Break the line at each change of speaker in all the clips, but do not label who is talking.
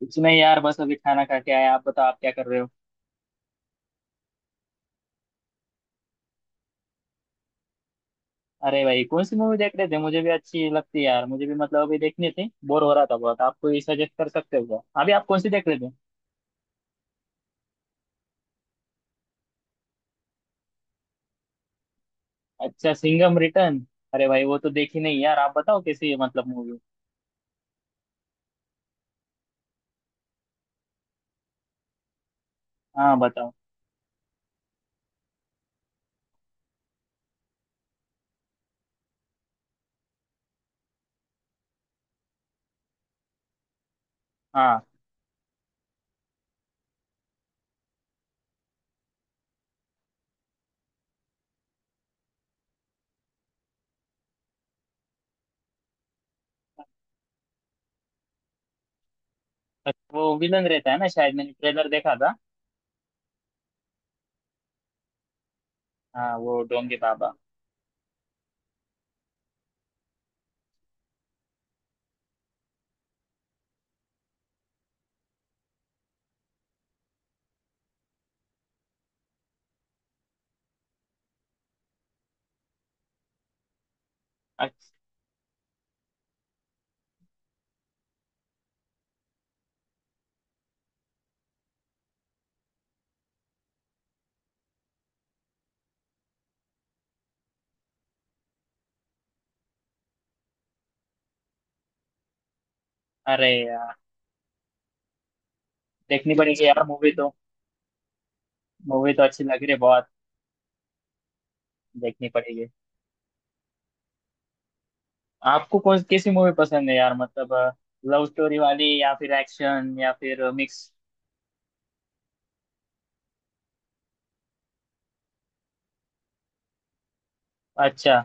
कुछ नहीं यार। बस अभी खाना खा के आए। आप बताओ आप क्या कर रहे हो। अरे भाई कौन सी मूवी देख रहे थे। मुझे भी अच्छी लगती है यार। मुझे भी मतलब अभी देखनी थी। बोर हो रहा था बहुत। आप कोई सजेस्ट कर सकते हो क्या। अभी आप कौन सी देख रहे थे। अच्छा, सिंघम रिटर्न। अरे भाई वो तो देखी नहीं यार। आप बताओ कैसी है मतलब मूवी। हाँ बताओ। हाँ अच्छा, वो विलन रहता है ना। शायद मैंने ट्रेलर देखा था। हाँ वो डोंगे बाबा। अच्छा। अरे यार देखनी पड़ेगी यार मूवी तो। मूवी तो अच्छी लग रही है बहुत। देखनी पड़ेगी। आपको कौन कैसी मूवी पसंद है यार मतलब। लव स्टोरी वाली या फिर एक्शन या फिर मिक्स। अच्छा।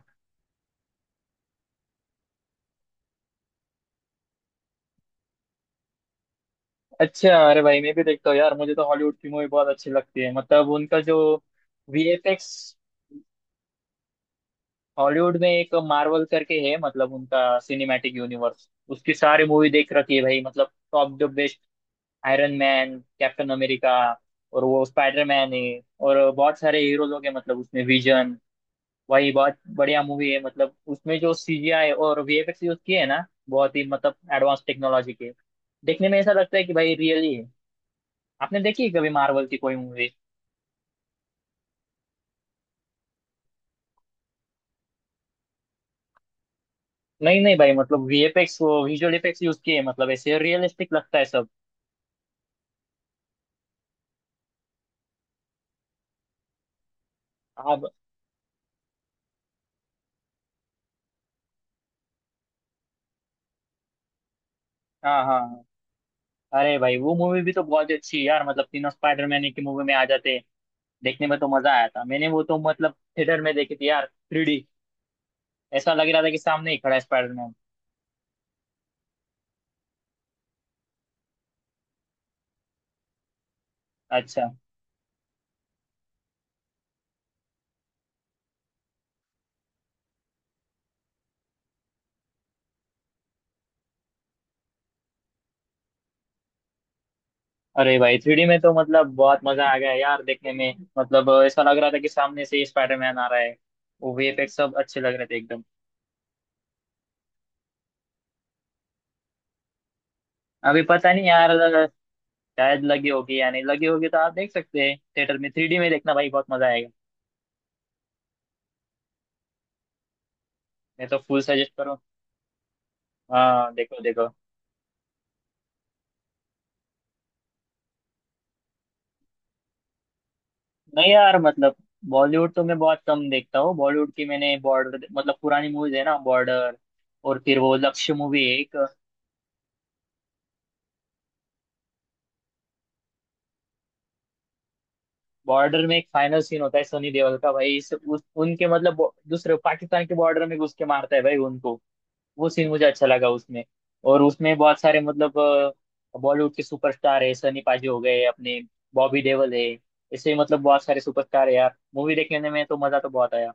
अच्छा अरे भाई मैं भी देखता हूँ यार। मुझे तो हॉलीवुड की मूवी बहुत अच्छी लगती है। मतलब उनका जो वीएफएक्स। हॉलीवुड में एक मार्वल करके है, मतलब उनका सिनेमैटिक यूनिवर्स। उसकी सारी मूवी देख रखी है भाई, मतलब top the best. Iron Man, Captain America. और वो स्पाइडर मैन है। और बहुत सारे हीरो लोग हैं मतलब उसमें विजन। वही बहुत बढ़िया मूवी है। मतलब उसमें जो सीजीआई और वीएफएक्स यूज किए हैं ना, बहुत ही मतलब एडवांस टेक्नोलॉजी के। देखने में ऐसा लगता है कि भाई रियली है। आपने देखी है कभी मार्वल की कोई मूवी। नहीं नहीं भाई, मतलब वीएफएक्स वो विजुअल इफेक्ट्स यूज किए हैं, मतलब ऐसे रियलिस्टिक लगता है सब। अब। हाँ हाँ। अरे भाई वो मूवी भी तो बहुत अच्छी है यार। मतलब तीनों स्पाइडरमैन की मूवी में आ जाते हैं। देखने में तो मजा आया था। मैंने वो तो मतलब थिएटर में देखी थी यार। Three D. ऐसा लग रहा था कि सामने ही खड़ा है स्पाइडरमैन। अच्छा। अरे भाई थ्री डी में तो मतलब बहुत मजा आ गया यार। देखने में मतलब ऐसा लग रहा था कि सामने से ही स्पाइडरमैन आ रहा है। वो वीएफएक्स सब अच्छे लग रहे थे एकदम। अभी पता नहीं यार। शायद लगी होगी या नहीं, लगी होगी तो आप देख सकते हैं थिएटर में। थ्री डी में देखना भाई, बहुत मजा आएगा। मैं तो फुल सजेस्ट करूँ। हाँ, देखो देखो। नहीं यार मतलब बॉलीवुड तो मैं बहुत कम देखता हूँ। बॉलीवुड की मैंने बॉर्डर, मतलब पुरानी मूवीज है ना, बॉर्डर। और फिर वो लक्ष्य मूवी है एक, बॉर्डर में एक फाइनल सीन होता है सनी देओल का भाई उनके मतलब दूसरे पाकिस्तान के बॉर्डर में घुस के मारता है भाई उनको। वो सीन मुझे अच्छा लगा उसमें। और उसमें बहुत सारे मतलब बॉलीवुड के सुपरस्टार है। सनी पाजी हो गए अपने। बॉबी देओल है। ऐसे मतलब बहुत सारे सुपरस्टार है यार। मूवी देखने में तो मजा तो बहुत आया।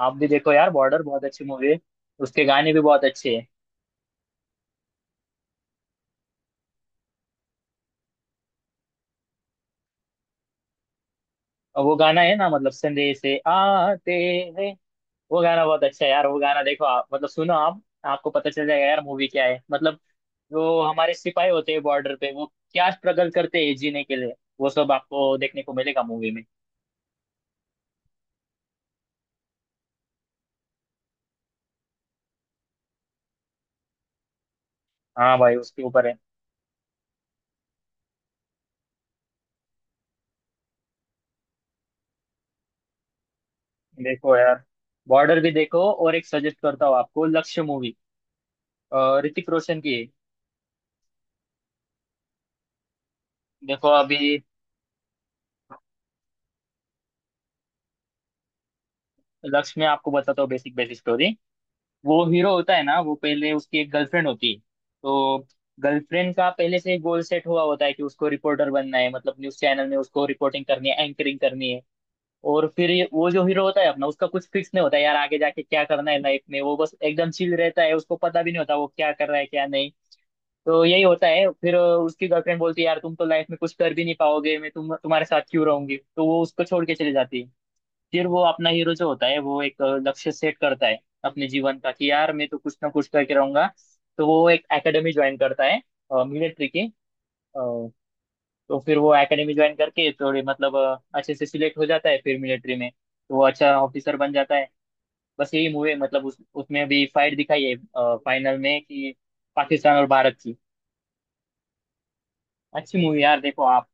आप भी देखो यार, बॉर्डर बहुत अच्छी मूवी है। उसके गाने भी बहुत अच्छे हैं। और वो गाना है ना, मतलब संदेश से आते हैं। वो गाना बहुत अच्छा है यार। वो गाना देखो आप, मतलब सुनो आप, आपको पता चल जाएगा यार मूवी क्या है मतलब। जो हमारे सिपाही होते हैं बॉर्डर पे, वो क्या स्ट्रगल करते हैं जीने के लिए, वो सब आपको देखने को मिलेगा मूवी में। हाँ भाई उसके ऊपर है। देखो यार, बॉर्डर भी देखो। और एक सजेस्ट करता हूँ आपको, लक्ष्य मूवी। ऋतिक रोशन की है। देखो अभी। लक्ष्य में आपको बताता हूँ बेसिक बेसिक स्टोरी। वो हीरो होता है ना, वो पहले उसकी एक गर्लफ्रेंड होती है। तो गर्लफ्रेंड का पहले से गोल सेट हुआ होता है कि उसको रिपोर्टर बनना है, मतलब न्यूज चैनल में उसको रिपोर्टिंग करनी है, एंकरिंग करनी है। और फिर ये वो जो हीरो होता है अपना, उसका कुछ फिक्स नहीं होता है यार आगे जाके क्या करना है लाइफ में। वो बस एकदम चिल रहता है, उसको पता भी नहीं होता वो क्या कर रहा है क्या नहीं। तो यही होता है फिर उसकी गर्लफ्रेंड बोलती है यार तुम तो लाइफ में कुछ कर भी नहीं पाओगे, मैं तुम्हारे साथ क्यों रहूंगी। तो वो उसको छोड़ के चली जाती है। फिर वो अपना हीरो जो होता है, वो एक लक्ष्य सेट करता है अपने जीवन का कि यार मैं तो कुछ ना कुछ करके रहूंगा। तो वो एक एकेडमी ज्वाइन करता है, मिलिट्री की। तो फिर वो एकेडमी ज्वाइन करके थोड़े मतलब अच्छे से सिलेक्ट हो जाता है फिर मिलिट्री में, तो वो अच्छा ऑफिसर बन जाता है। बस यही मूवी मतलब उस उसमें भी फाइट दिखाई है फाइनल में कि पाकिस्तान और भारत की। अच्छी मूवी यार, देखो आप।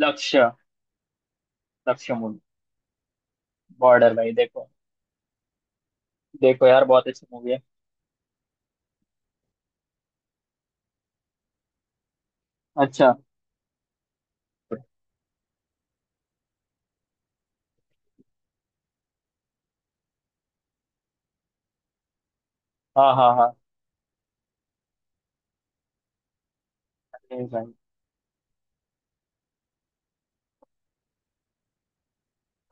लक्ष्य, लक्ष्य मूवी। बॉर्डर भाई देखो। देखो यार बहुत अच्छी मूवी है। अच्छा। हाँ हाँ हाँ। अरे भाई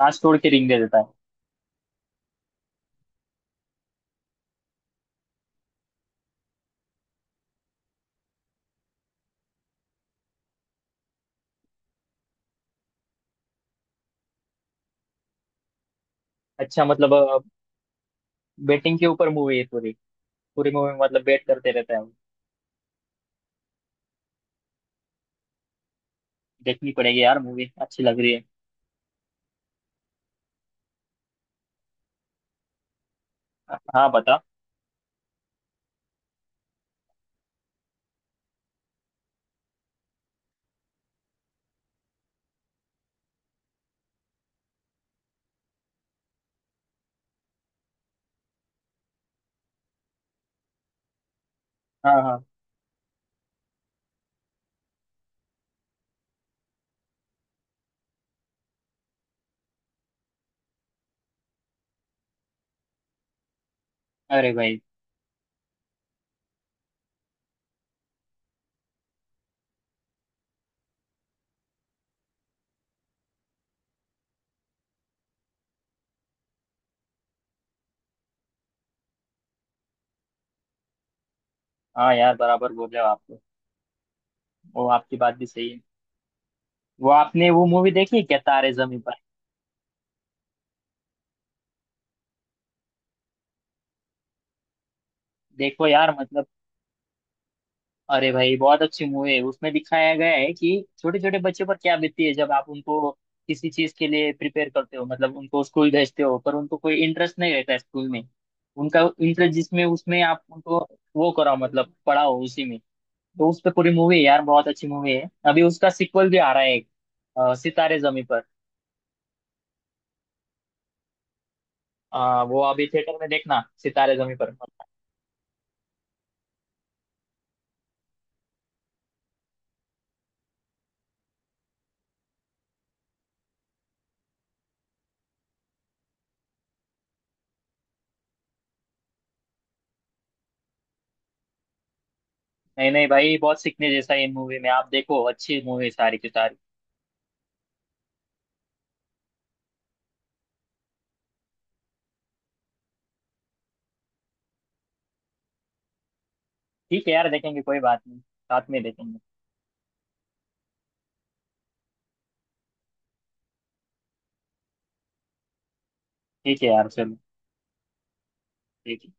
कांच तोड़ के रिंग दे देता है। अच्छा मतलब बेटिंग के ऊपर मूवी है पूरी। पूरी मूवी मतलब बेट करते रहता है वो। देखनी पड़ेगी यार, मूवी अच्छी लग रही है। हाँ बता। हाँ हाँ। अरे भाई। हाँ यार बराबर बोल रहे हो आप तो। वो आपकी बात भी सही है। वो आपने वो मूवी देखी है क्या, तारे जमीन पर। देखो यार मतलब। अरे भाई बहुत अच्छी मूवी है। उसमें दिखाया गया है कि छोटे छोटे बच्चों पर क्या बीतती है जब आप उनको किसी चीज के लिए प्रिपेयर करते हो, मतलब उनको स्कूल भेजते हो पर उनको कोई इंटरेस्ट नहीं रहता है स्कूल में। उनका इंटरेस्ट जिसमें, उसमें आप उनको वो कराओ, मतलब पढ़ाओ उसी में। तो उस पर पूरी मूवी है यार, बहुत अच्छी मूवी है। अभी उसका सिक्वल भी आ रहा है एक, सितारे जमीन पर। वो अभी थिएटर में देखना, सितारे जमी पर। नहीं नहीं भाई, बहुत सीखने जैसा है इन मूवी में, आप देखो अच्छी मूवी सारी की सारी। ठीक है यार देखेंगे, कोई बात नहीं साथ में देखेंगे। ठीक है यार चलो। ठीक है।